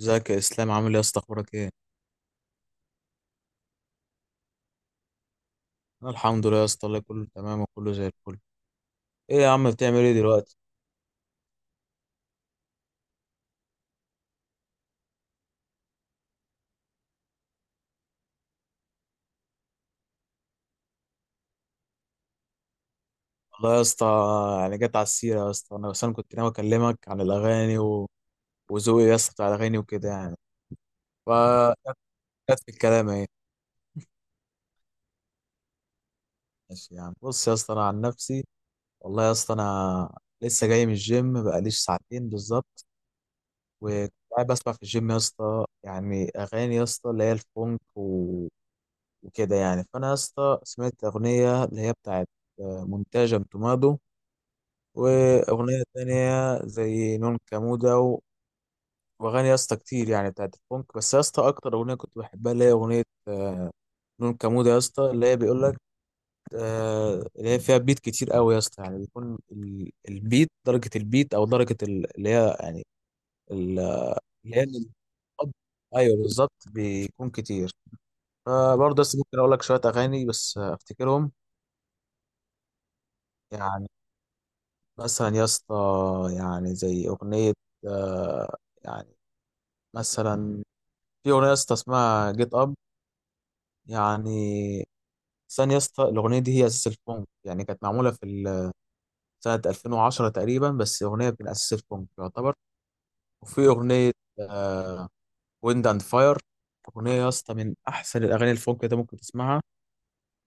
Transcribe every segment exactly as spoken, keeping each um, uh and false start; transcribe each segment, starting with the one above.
ازيك يا اسلام، عامل ايه يا اسطى؟ اخبارك ايه؟ انا الحمد لله يا اسطى، الله كله تمام وكله زي الفل. ايه يا عم بتعمل ايه دلوقتي؟ والله يا اسطى، يعني جت على السيره يا اسطى، انا بس انا كنت ناوي اكلمك عن الاغاني و... وذوقي يا اسطى بتاع الاغاني وكده يعني. ف جت في الكلام اهي. ماشي، يعني بص يا اسطى انا عن نفسي، والله يا اسطى انا لسه جاي من الجيم بقاليش ساعتين بالظبط، وكنت قاعد بسمع في الجيم يا اسطى يعني اغاني يا اسطى اللي هي الفونك وكده يعني. فانا يا اسطى سمعت اغنيه اللي هي بتاعت آه، مونتاج تومادو، واغنيه تانية زي نون كامودا، و- واغاني يا اسطى كتير يعني بتاعت الفونك. بس يا اسطى اكتر اغنيه كنت بحبها اللي هي اغنيه آه، نون كامودا يا اسطى، اللي هي بيقول لك. آه، اللي هي فيها بيت كتير قوي يا اسطى، يعني بيكون ال- البيت، درجه البيت او درجه ال- اللي هي يعني ال- اللي هي الخط- ايوه بالظبط بيكون كتير. فبرضه بس ممكن اقول لك شويه اغاني، بس آه، افتكرهم. يعني مثلا يا اسطى، يعني زي أغنية آه، يعني مثلا في أغنية يا اسطى اسمها جيت أب. يعني ثانية يا اسطى الأغنية دي هي أساس الفونك، يعني كانت معمولة في ال- سنة ألفين وعشرة تقريبا، بس أغنية من أساس الفونك يعتبر. وفي أغنية ويند أند فاير، أغنية يا اسطى من أحسن الأغاني الفونك اللي أنت ممكن تسمعها،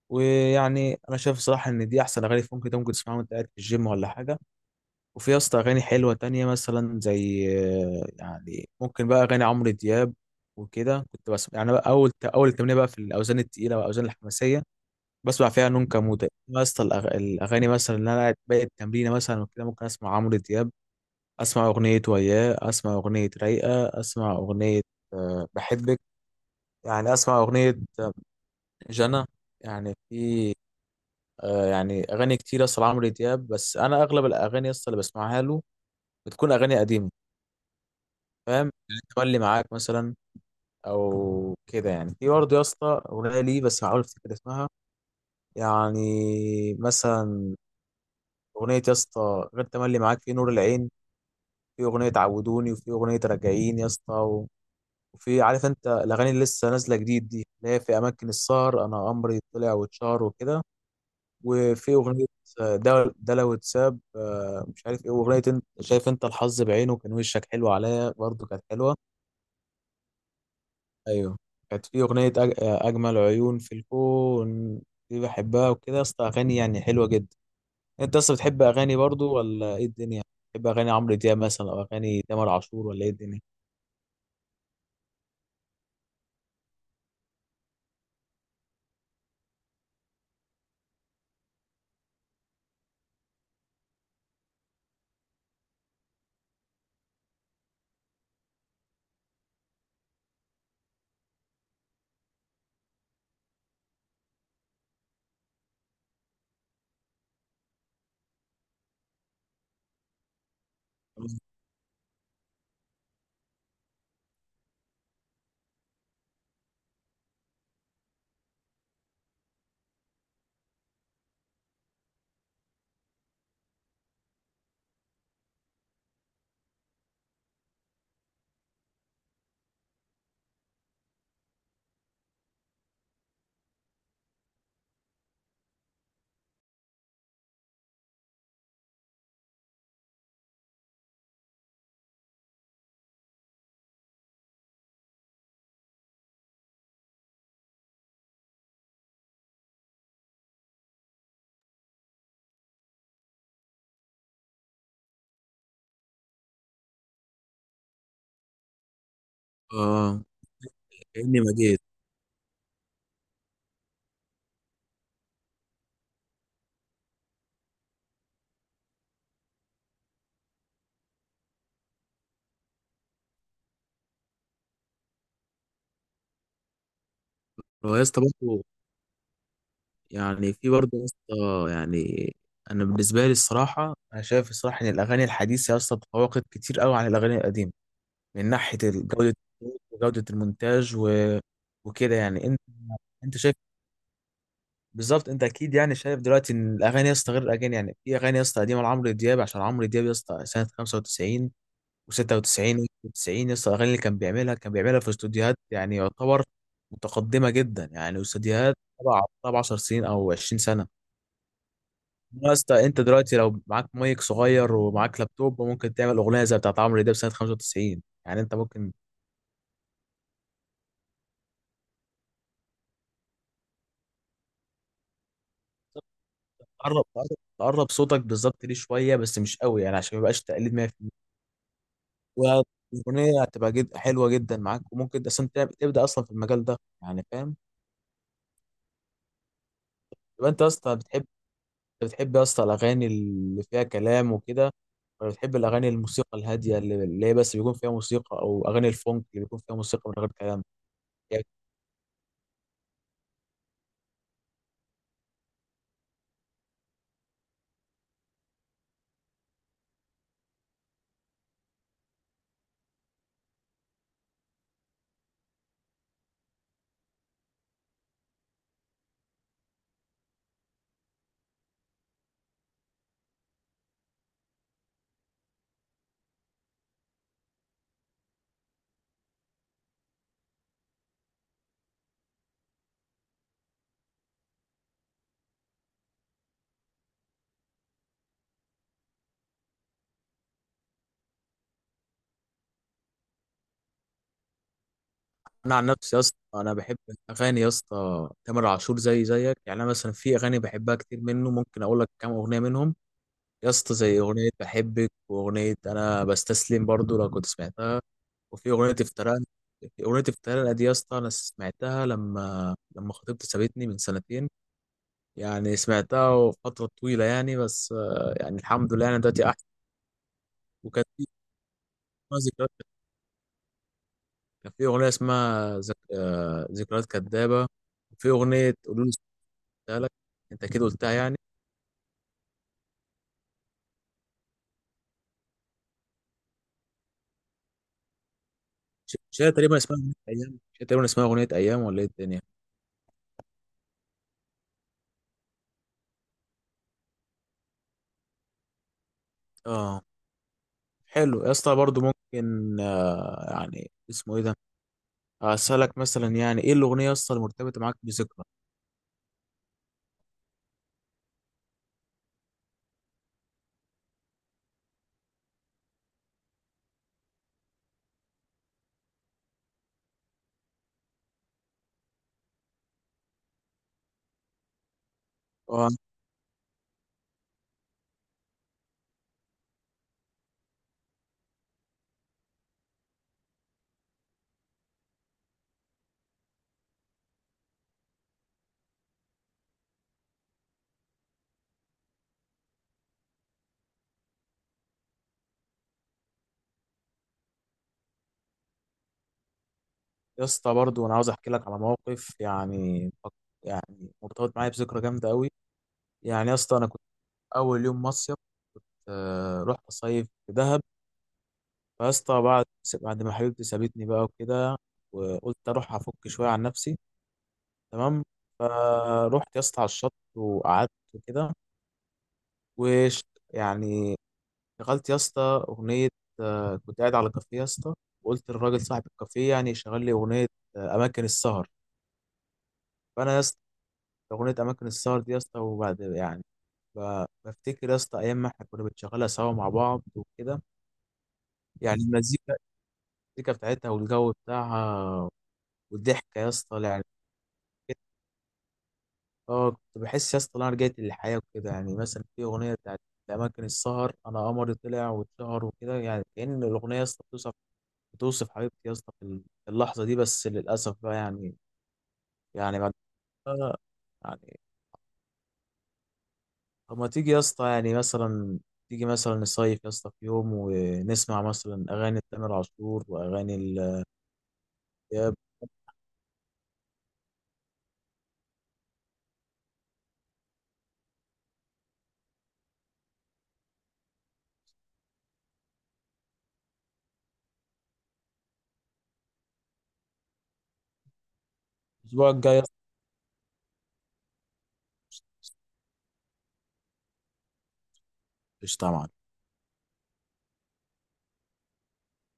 ويعني أنا شايف صراحة إن دي أحسن أغاني فونك أنت ممكن تسمعها وأنت قاعد في الجيم ولا حاجة. وفي يا اسطى اغاني حلوه تانية مثلا زي آه، يعني ممكن بقى اغاني عمرو دياب، وكده كنت بسمع يعني. بقى اول اول تمرين بقى في الاوزان التقيله والاوزان الحماسيه بسمع فيها نون كمودة يا اسطى، الأغ- الاغاني مثلا. اللي انا قاعد باقي التمرين مثلا وكده ممكن اسمع عمرو دياب، اسمع اغنيه وياه، اسمع اغنيه رايقه، اسمع اغنيه آه، بحبك، يعني اسمع اغنيه آه، جنى. يعني في آه، يعني اغاني كتير اصلا عمرو دياب، بس انا اغلب الاغاني اصلا اللي بسمعها له بتكون اغاني قديمه، فاهم، اللي تولي معاك مثلا او كده يعني. في برضه يا اسطى اغنيه ليه، بس هحاول افتكر اسمها. يعني مثلا اغنيه يا اسطى غير تملي معاك، في نور العين، في اغنيه عودوني، وفي اغنيه راجعين يا اسطى و- وفي عارف انت الاغاني اللي لسه نازله جديد دي، اللي هي في اماكن السهر، انا امري طلع واتشهر وكده. وفي اغنيه ده ده لو اتساب آه، مش عارف ايه، واغنيه انت شايف انت الحظ بعينه كان وشك حلو عليا، برضه كانت حلوه. ايوه، كانت في اغنيه أج... اجمل عيون في الكون، دي بحبها وكده يا اسطى، اغاني يعني حلوه جدا. انت اصلا بتحب اغاني برضو ولا ايه الدنيا؟ بتحب اغاني عمرو دياب مثلا او اغاني تامر عاشور ولا ايه الدنيا؟ اه، كأني ما جيت. هو يا اسطى برضه يعني، في برضه يا اسطى يعني انا بالنسبه لي الصراحه، انا شايف الصراحه ان الاغاني الحديثه يا اسطى تفوقت كتير قوي عن الاغاني القديمه من ناحيه ال- جوده الصوت، وجوده المونتاج و... وكده يعني. انت انت شايف، بالظبط انت اكيد يعني شايف دلوقتي ان الاغاني يا اسطى غير الاغاني. يعني في اغاني يا اسطى قديمه لعمرو دياب، عشان عمرو دياب يا اسطى سنه خمسه وتسعين و96 و90 يا اسطى، الاغاني اللي كان بيعملها كان بيعملها في استوديوهات، يعني يعتبر متقدمه جدا. يعني استوديوهات، طبعا طبعا 10 سنين او 20 سنه. يا اسطى انت دلوقتي لو معاك مايك صغير ومعاك لابتوب ممكن تعمل اغنيه زي بتاعت عمرو دياب سنه خمسه وتسعين، يعني انت ممكن تقرب تقرب تقرب صوتك بالظبط ليه شويه، بس مش قوي يعني عشان ما يبقاش تقليد. والأغنية هتبقى جد حلوة جدا معاك، وممكن أصلا تب- تبدأ أصلا في المجال ده، يعني فاهم. يبقى أنت يا اسطى بتحب بتحب يا اسطى الأغاني اللي فيها كلام وكده، ولا بتحب الأغاني الموسيقى الهادية اللي اللي هي بس بيكون فيها موسيقى، أو أغاني الفونك اللي بيكون فيها موسيقى من غير كلام؟ يعني أنا عن نفسي يا اسطى، أنا بحب أغاني يا اسطى تامر عاشور زي زيك. يعني أنا مثلا في أغاني بحبها كتير منه، ممكن أقول لك كام أغنية منهم يا اسطى، زي أغنية بحبك، وأغنية أنا بستسلم برضو لو كنت سمعتها، وفي اغنيه افتراء. في اغنيه افتراء دي يا اسطى انا سمعتها لما لما خطيبتي سابتني من سنتين، يعني سمعتها فتره طويله يعني، بس آه، يعني الحمد لله انا دلوقتي احسن. وكانت في اسمها ذكريات، كان في اغنيه اسمها ذك... آه، ذكريات كدابه، وفي اغنيه قولوا لي سبتها لك، انت كده قلتها يعني. ش- مش هي تقريبا اسمها اغنيه ايام، مش هي تقريبا اسمها اغنيه ايام، ولا ايه الدنيا؟ اه، حلو يا اسطى برضه. ممكن آه، يعني اسمه ايه ده، اسالك مثلا، يعني ايه الاغنيه يا اسطى المرتبطه معاك بذكرى. آه، يا اسطى برضه انا عاوز احكي لك على موقف، يعني يعني مرتبط معايا بذكرى جامده قوي. يعني يا اسطى انا كنت اول يوم مصيف آه، رحت اصيف في دهب. فيا اسطى بعد بعد ما حبيبتي سابتني بقى وكده، وقلت اروح افك شويه عن نفسي. تمام. فروحت يا اسطى على الشط وقعدت وكده، وش يعني شغلت يا اسطى اغنيه. آه، كنت قاعد على كافيه يا اسطى، وقلت للراجل صاحب الكافيه يعني يشغل لي اغنيه، آه، اماكن السهر. فانا يا اسطى أغنية أماكن السهر دي يا اسطى، وبعد يعني ب- بفتكر يا اسطى أيام ما احنا كنا بنشغلها سوا مع بعض وكده. يعني المزيكا، المزيكا بتاعتها والجو بتاعها والضحكة يا اسطى يعني. اه، كنت بحس يا اسطى إن أنا رجعت للحياة وكده. يعني مثلا في أغنية بتاعت أماكن السهر، أنا قمري طلع واتشهر وكده، يعني كأن الأغنية يا اسطى بتوصف بتوصف حبيبتي يا اسطى في اللحظة دي. بس للأسف بقى، يعني يعني بعد كده يعني. طب ما تيجي يا اسطى يعني مثلا تيجي مثلا نصيف يا اسطى في يوم ونسمع مثلا اغاني تامر عاشور واغاني الإياب الاسبوع الجاي يا اسطى. قشطة يا معلم.